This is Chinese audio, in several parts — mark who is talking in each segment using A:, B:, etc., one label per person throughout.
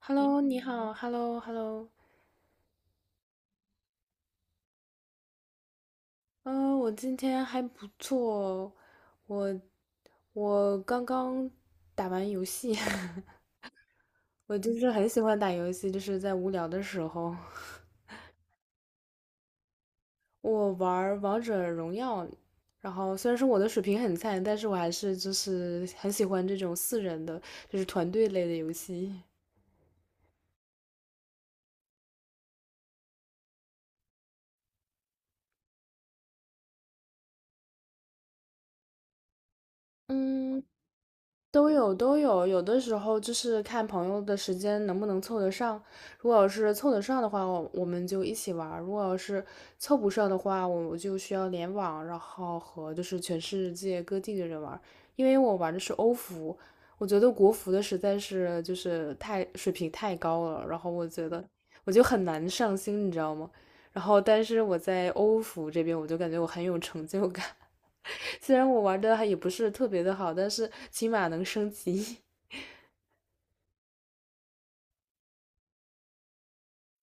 A: Hello，你好，Hello，Hello，嗯，我今天还不错哦。我我刚刚打完游戏，我就是很喜欢打游戏，就是在无聊的时候，我玩儿王者荣耀，然后虽然说我的水平很菜，但是我还是就是很喜欢这种四人的，就是团队类的游戏。嗯，都有都有，有的时候就是看朋友的时间能不能凑得上。如果要是凑得上的话，我们就一起玩儿；如果要是凑不上的话，我就需要联网，然后和就是全世界各地的人玩儿。因为我玩的是欧服，我觉得国服的实在是就是太水平太高了，然后我觉得我就很难上心，你知道吗？然后但是我在欧服这边，我就感觉我很有成就感。虽然我玩的还也不是特别的好，但是起码能升级。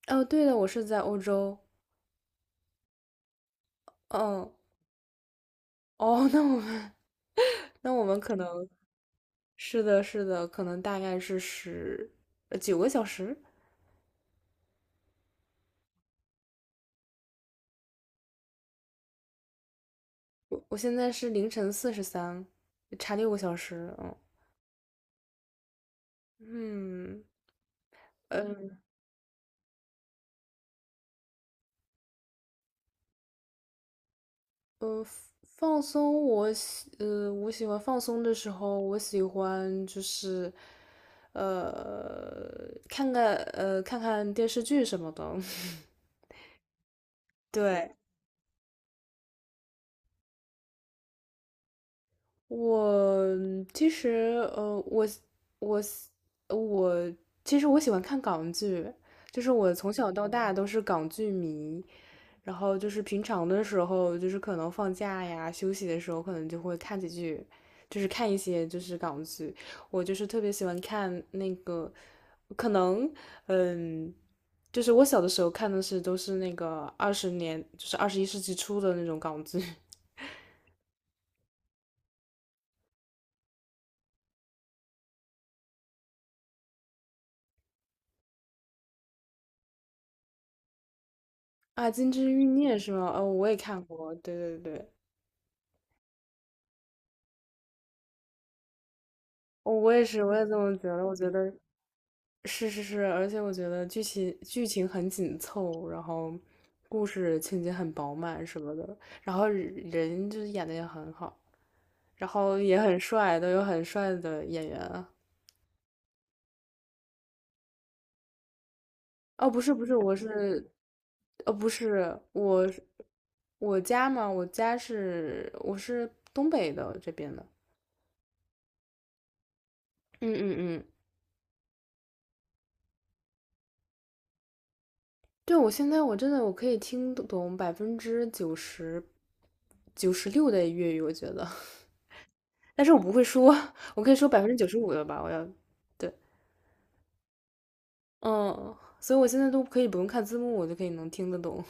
A: 哦，对了，我是在欧洲。嗯，哦，那我们 那我们可能是的，是的，可能大概是9个小时。我现在是凌晨43，差6个小时。嗯嗯，呃，呃，放松我喜欢放松的时候，我喜欢就是，呃，看看电视剧什么的。对，我其实呃，我我我其实我喜欢看港剧，就是我从小到大都是港剧迷。然后就是平常的时候，就是可能放假呀、休息的时候，可能就会看几句，就是看一些就是港剧。我就是特别喜欢看那个，可能嗯，就是我小的时候看的是都是那个20年，就是21世纪初的那种港剧 啊，《金枝欲孽》是吗？哦，我也看过，对对对，哦，我也是，我也这么觉得，我觉得。是是是，而且我觉得剧情很紧凑，然后故事情节很饱满什么的，然后人就是演的也很好，然后也很帅，都有很帅的演员啊。哦，不是不是，我是，不是，我是我家嘛，我家是我是东北的这边的，嗯嗯嗯，对，我现在我真的我可以听懂百分之九十六的粤语，我觉得。但是我不会说，我可以说95%的吧，我要，对，嗯，所以我现在都可以不用看字幕，我就可以能听得懂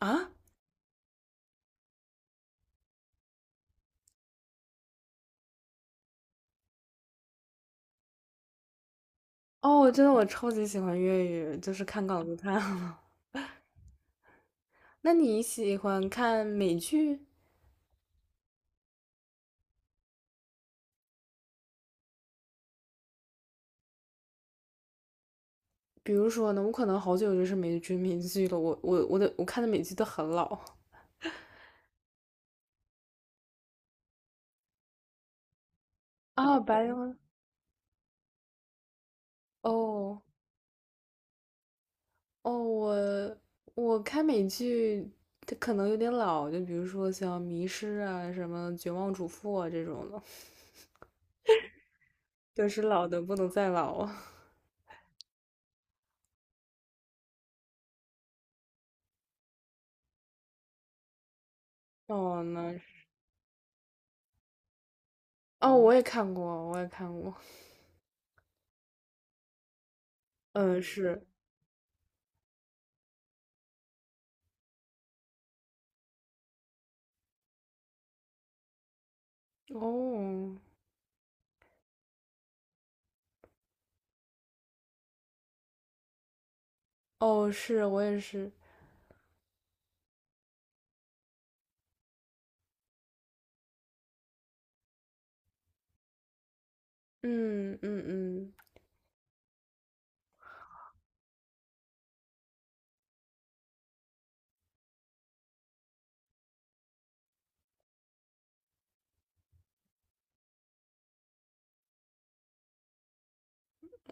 A: 啊。哦，我真的我超级喜欢粤语，就是看港剧看了。那你喜欢看美剧？比如说呢，我可能好久就是没追美剧了，我看的美剧都很老啊 白羊哦哦，我看美剧它可能有点老，就比如说像《迷失》啊、什么《绝望主妇》啊这种的。就是老的不能再老啊。哦，那哦，我也看过，我也看过。嗯，是哦，哦，是我也是。嗯嗯嗯，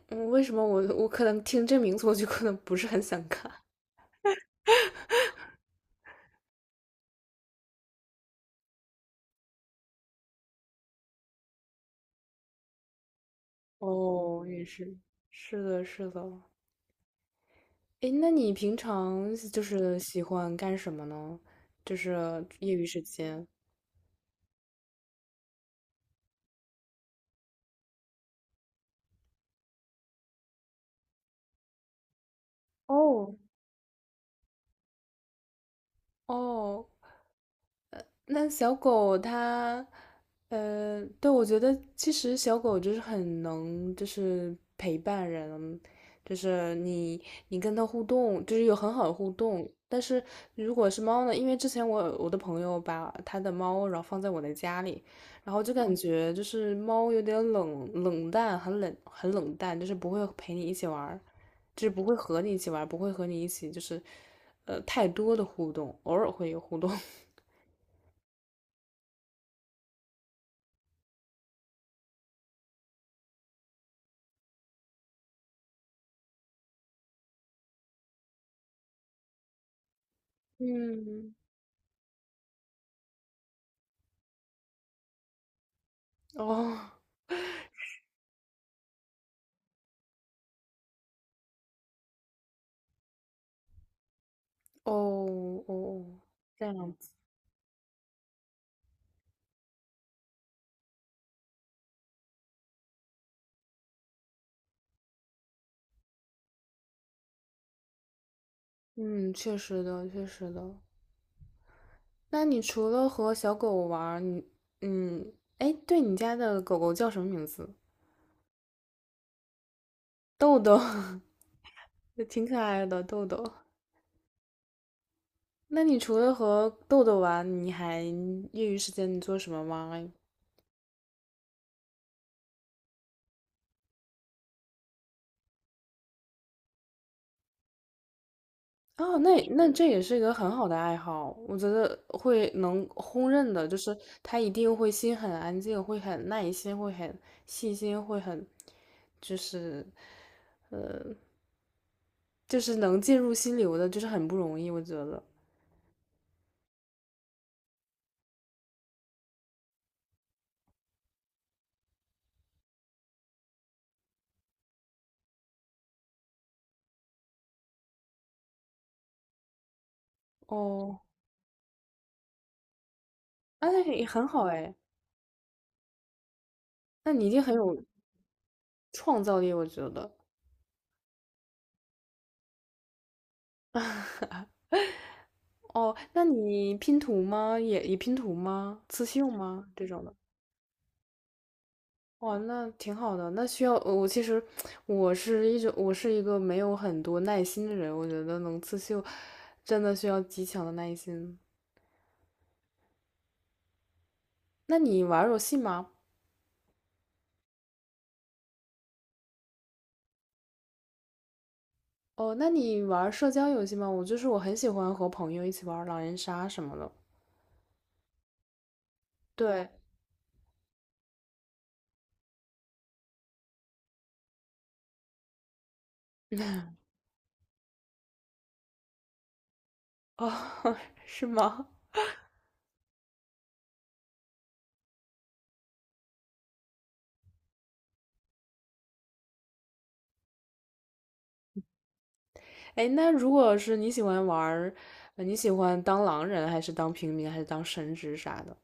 A: 嗯为什么我可能听这名字我就可能不是很想看？哦，也是，是的，是的。诶，那你平常就是喜欢干什么呢？就是业余时间。哦哦，那小狗它，对，我觉得其实小狗就是很能，就是陪伴人，就是你跟它互动，就是有很好的互动。但是如果是猫呢，因为之前我有我的朋友把他的猫然后放在我的家里，然后就感觉就是猫有点冷淡，很冷很冷淡，就是不会陪你一起玩儿就是不会和你一起玩儿不会和你一起就是，太多的互动，偶尔会有互动。嗯，哦哦哦，这样子，嗯，确实的，确实的。那你除了和小狗玩儿你嗯，哎，对你家的狗狗叫什么名字？豆豆，也挺可爱的豆豆。那你除了和豆豆玩，你还业余时间你做什么吗？啊，哦那这也是一个很好的爱好，我觉得会能公认的，就是他一定会心很安静，会很耐心，会很细心，会很就是就是能进入心流的，就是很不容易，我觉得。哦，啊，那也很好哎，那你一定很有创造力，我觉得。哦，那你拼图吗？也拼图吗？刺绣吗？这种的？哇，那挺好的。那需要我其实我是一个没有很多耐心的人，我觉得能刺绣真的需要极强的耐心。那你玩儿游戏吗？哦，那你玩儿社交游戏吗？我就是我很喜欢和朋友一起玩儿狼人杀什么的。对，哦，是吗？哎，那如果是你喜欢玩儿，你喜欢当狼人，还是当平民，还是当神职啥的？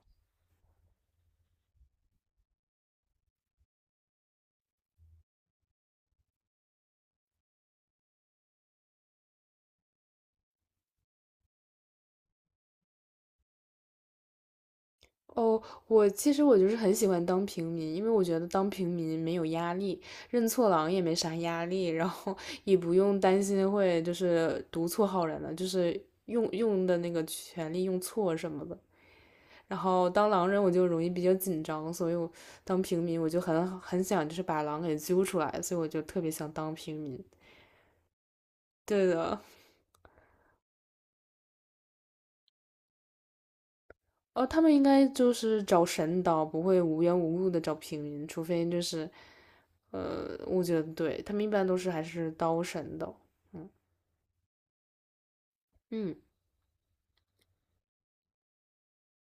A: 哦，我其实我就是很喜欢当平民，因为我觉得当平民没有压力，认错狼也没啥压力，然后 也不用担心会就是读错好人了，就是用的那个权利用错什么的。然后当狼人我就容易比较紧张，所以我当平民我就很想就是把狼给揪出来，所以我就特别想当平民。对的，哦，他们应该就是找神刀，不会无缘无故的找平民，除非就是我觉得对他们一般都是还是刀神导。嗯，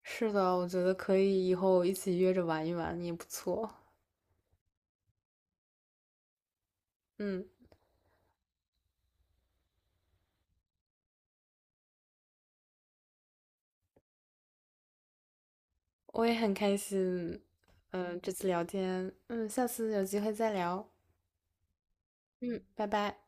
A: 是的，我觉得可以以后一起约着玩一玩也不错。嗯，我也很开心，嗯、这次聊天，嗯，下次有机会再聊，嗯，拜拜。